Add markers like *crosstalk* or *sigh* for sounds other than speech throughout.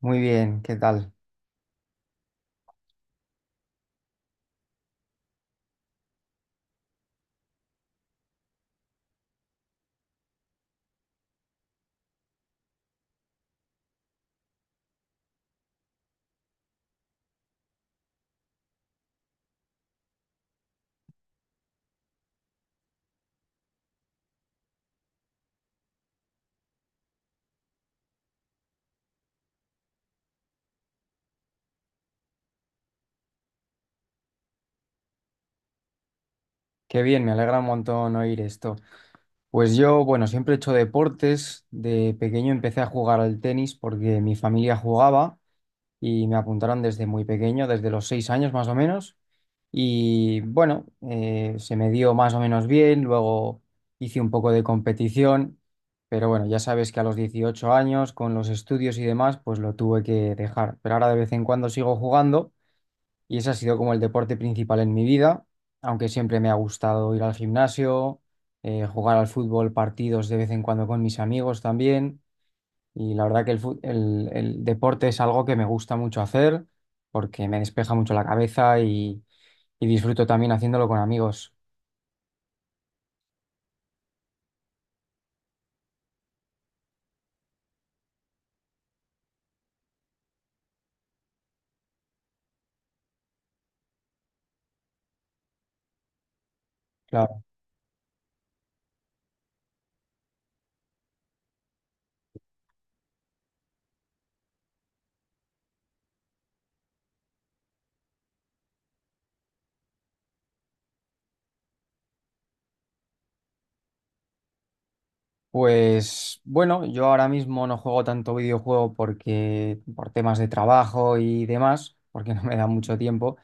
Muy bien, ¿qué tal? Qué bien, me alegra un montón oír esto. Pues yo, bueno, siempre he hecho deportes. De pequeño empecé a jugar al tenis porque mi familia jugaba y me apuntaron desde muy pequeño, desde los 6 años más o menos. Y bueno, se me dio más o menos bien. Luego hice un poco de competición, pero bueno, ya sabes que a los 18 años, con los estudios y demás, pues lo tuve que dejar. Pero ahora de vez en cuando sigo jugando. Y ese ha sido como el deporte principal en mi vida, aunque siempre me ha gustado ir al gimnasio, jugar al fútbol, partidos de vez en cuando con mis amigos también. Y la verdad que el deporte es algo que me gusta mucho hacer porque me despeja mucho la cabeza y disfruto también haciéndolo con amigos. Claro. Pues bueno, yo ahora mismo no juego tanto videojuego porque por temas de trabajo y demás, porque *laughs* no me da mucho tiempo.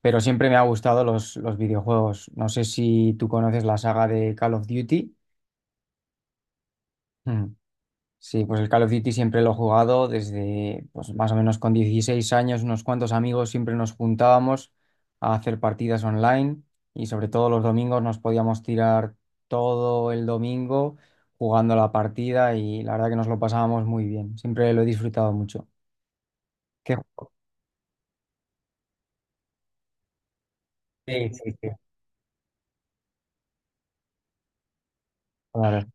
Pero siempre me ha gustado los videojuegos. No sé si tú conoces la saga de Call of Duty. Mm. Sí, pues el Call of Duty siempre lo he jugado desde pues, más o menos con 16 años, unos cuantos amigos siempre nos juntábamos a hacer partidas online y sobre todo los domingos nos podíamos tirar todo el domingo jugando la partida y la verdad que nos lo pasábamos muy bien. Siempre lo he disfrutado mucho. Qué- ju- Sí, sí, sí. Claro,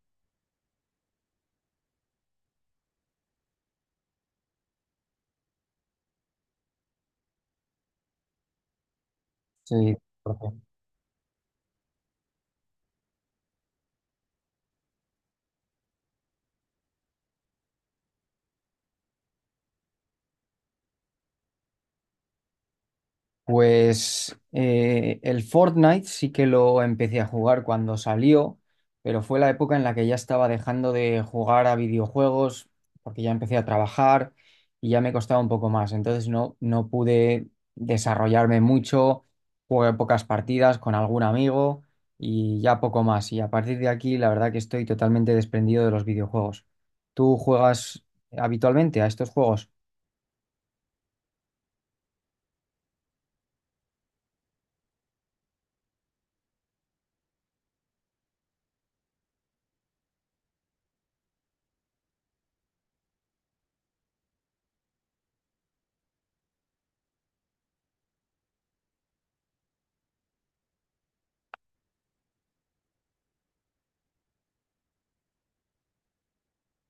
sí. Pues el Fortnite sí que lo empecé a jugar cuando salió, pero fue la época en la que ya estaba dejando de jugar a videojuegos porque ya empecé a trabajar y ya me costaba un poco más. Entonces no pude desarrollarme mucho, jugué pocas partidas con algún amigo y ya poco más. Y a partir de aquí, la verdad que estoy totalmente desprendido de los videojuegos. ¿Tú juegas habitualmente a estos juegos?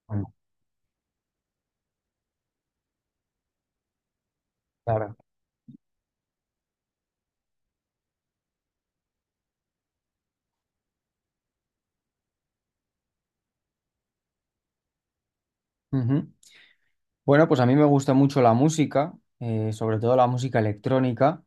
Bueno, claro. Ujú. Bueno, pues a mí me gusta mucho la música, sobre todo la música electrónica,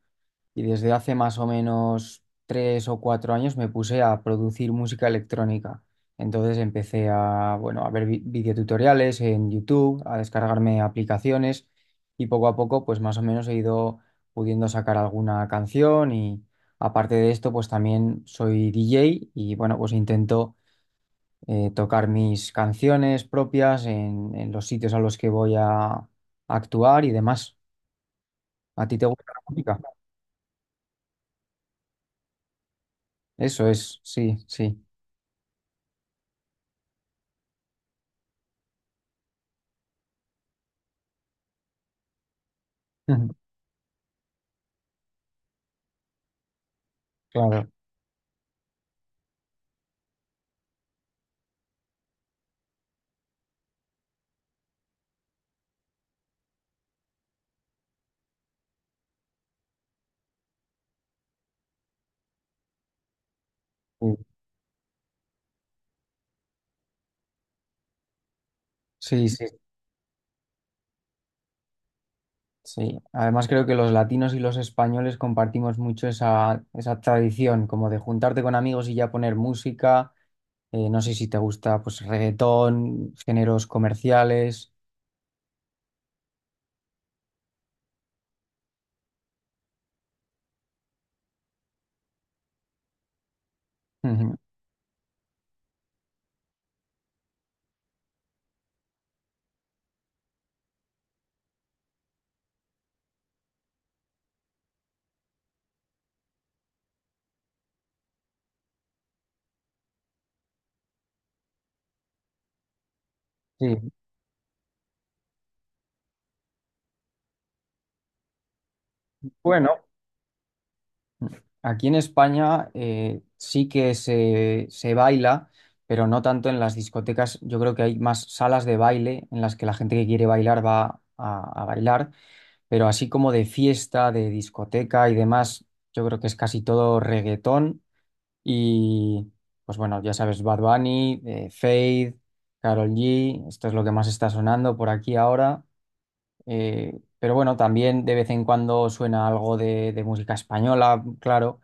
y desde hace más o menos 3 o 4 años me puse a producir música electrónica. Entonces empecé a, bueno, a ver videotutoriales en YouTube, a descargarme aplicaciones y poco a poco, pues más o menos he ido pudiendo sacar alguna canción y aparte de esto, pues también soy DJ y bueno, pues intento tocar mis canciones propias en los sitios a los que voy a actuar y demás. ¿A ti te gusta la música? Eso es, sí, sí. *laughs* Claro. Sí, sí, sí. Sí. Además creo que los latinos y los españoles compartimos mucho esa tradición, como de juntarte con amigos y ya poner música. No sé si te gusta pues reggaetón, géneros comerciales. *laughs* Ujú. Sí. Bueno, aquí en España sí que se baila, pero no tanto en las discotecas. Yo creo que hay más salas de baile en las que la gente que quiere bailar va a bailar, pero así como de fiesta, de discoteca y demás, yo creo que es casi todo reggaetón. Y pues bueno, ya sabes, Bad Bunny, Feid, Karol G, esto es lo que más está sonando por aquí ahora. Pero bueno, también de vez en cuando suena algo de música española, claro,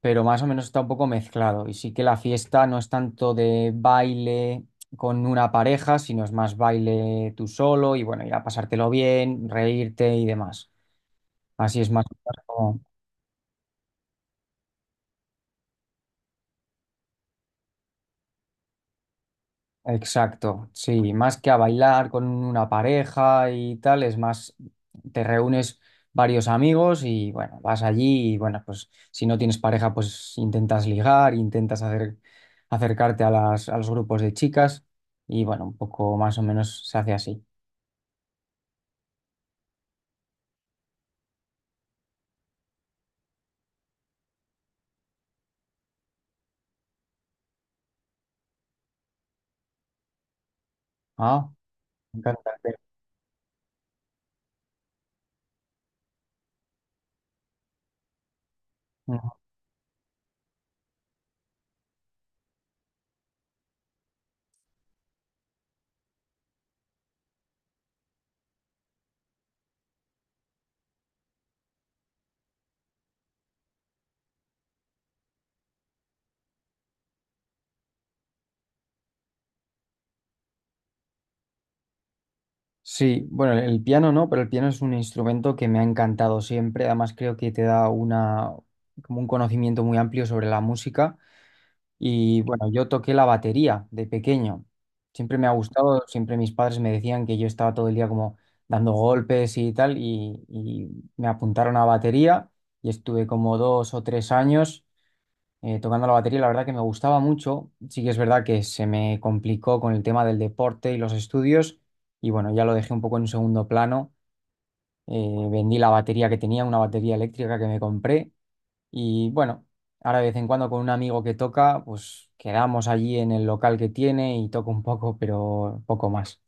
pero más o menos está un poco mezclado. Y sí que la fiesta no es tanto de baile con una pareja, sino es más baile tú solo y bueno, ir a pasártelo bien, reírte y demás. Así es más o menos. Exacto, sí, más que a bailar con una pareja y tal, es más, te reúnes varios amigos y bueno, vas allí y bueno, pues si no tienes pareja, pues intentas ligar, intentas hacer, acercarte a los grupos de chicas y bueno, un poco más o menos se hace así. Ah, me encanta. Ujú. Sí, bueno, el piano no, pero el piano es un instrumento que me ha encantado siempre, además creo que te da una, como un conocimiento muy amplio sobre la música. Y bueno, yo toqué la batería de pequeño. Siempre me ha gustado, siempre mis padres me decían que yo estaba todo el día como dando golpes y tal, y me apuntaron a batería y estuve como 2 o 3 años tocando la batería. La verdad que me gustaba mucho. Sí que es verdad que se me complicó con el tema del deporte y los estudios, y bueno, ya lo dejé un poco en segundo plano. Vendí la batería que tenía, una batería eléctrica que me compré y bueno, ahora de vez en cuando con un amigo que toca, pues quedamos allí en el local que tiene y toco un poco, pero poco más.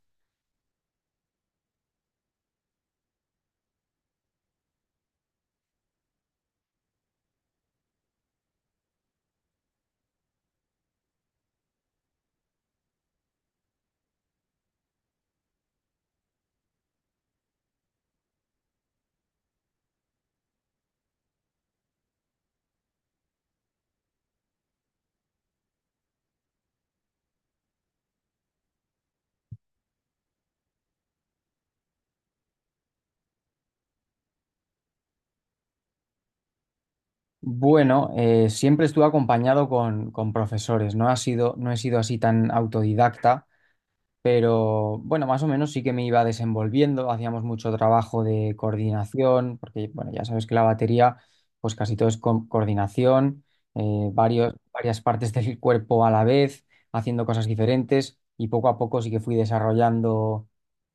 Bueno, siempre estuve acompañado con, profesores, no he sido así tan autodidacta. Pero bueno, más o menos sí que me iba desenvolviendo, hacíamos mucho trabajo de coordinación, porque bueno, ya sabes que la batería, pues casi todo es coordinación, varias partes *laughs* del cuerpo a la vez, haciendo cosas diferentes, y poco a poco sí que fui desarrollando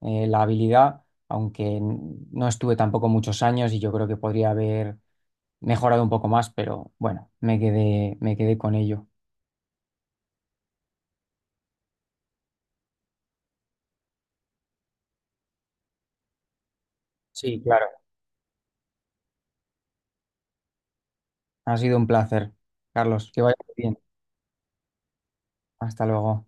la habilidad, aunque no estuve tampoco muchos años y yo creo que podría haber mejorado un poco más, pero bueno, me quedé con ello. Sí, claro. Ha sido un placer, Carlos, que vaya muy bien. Hasta luego.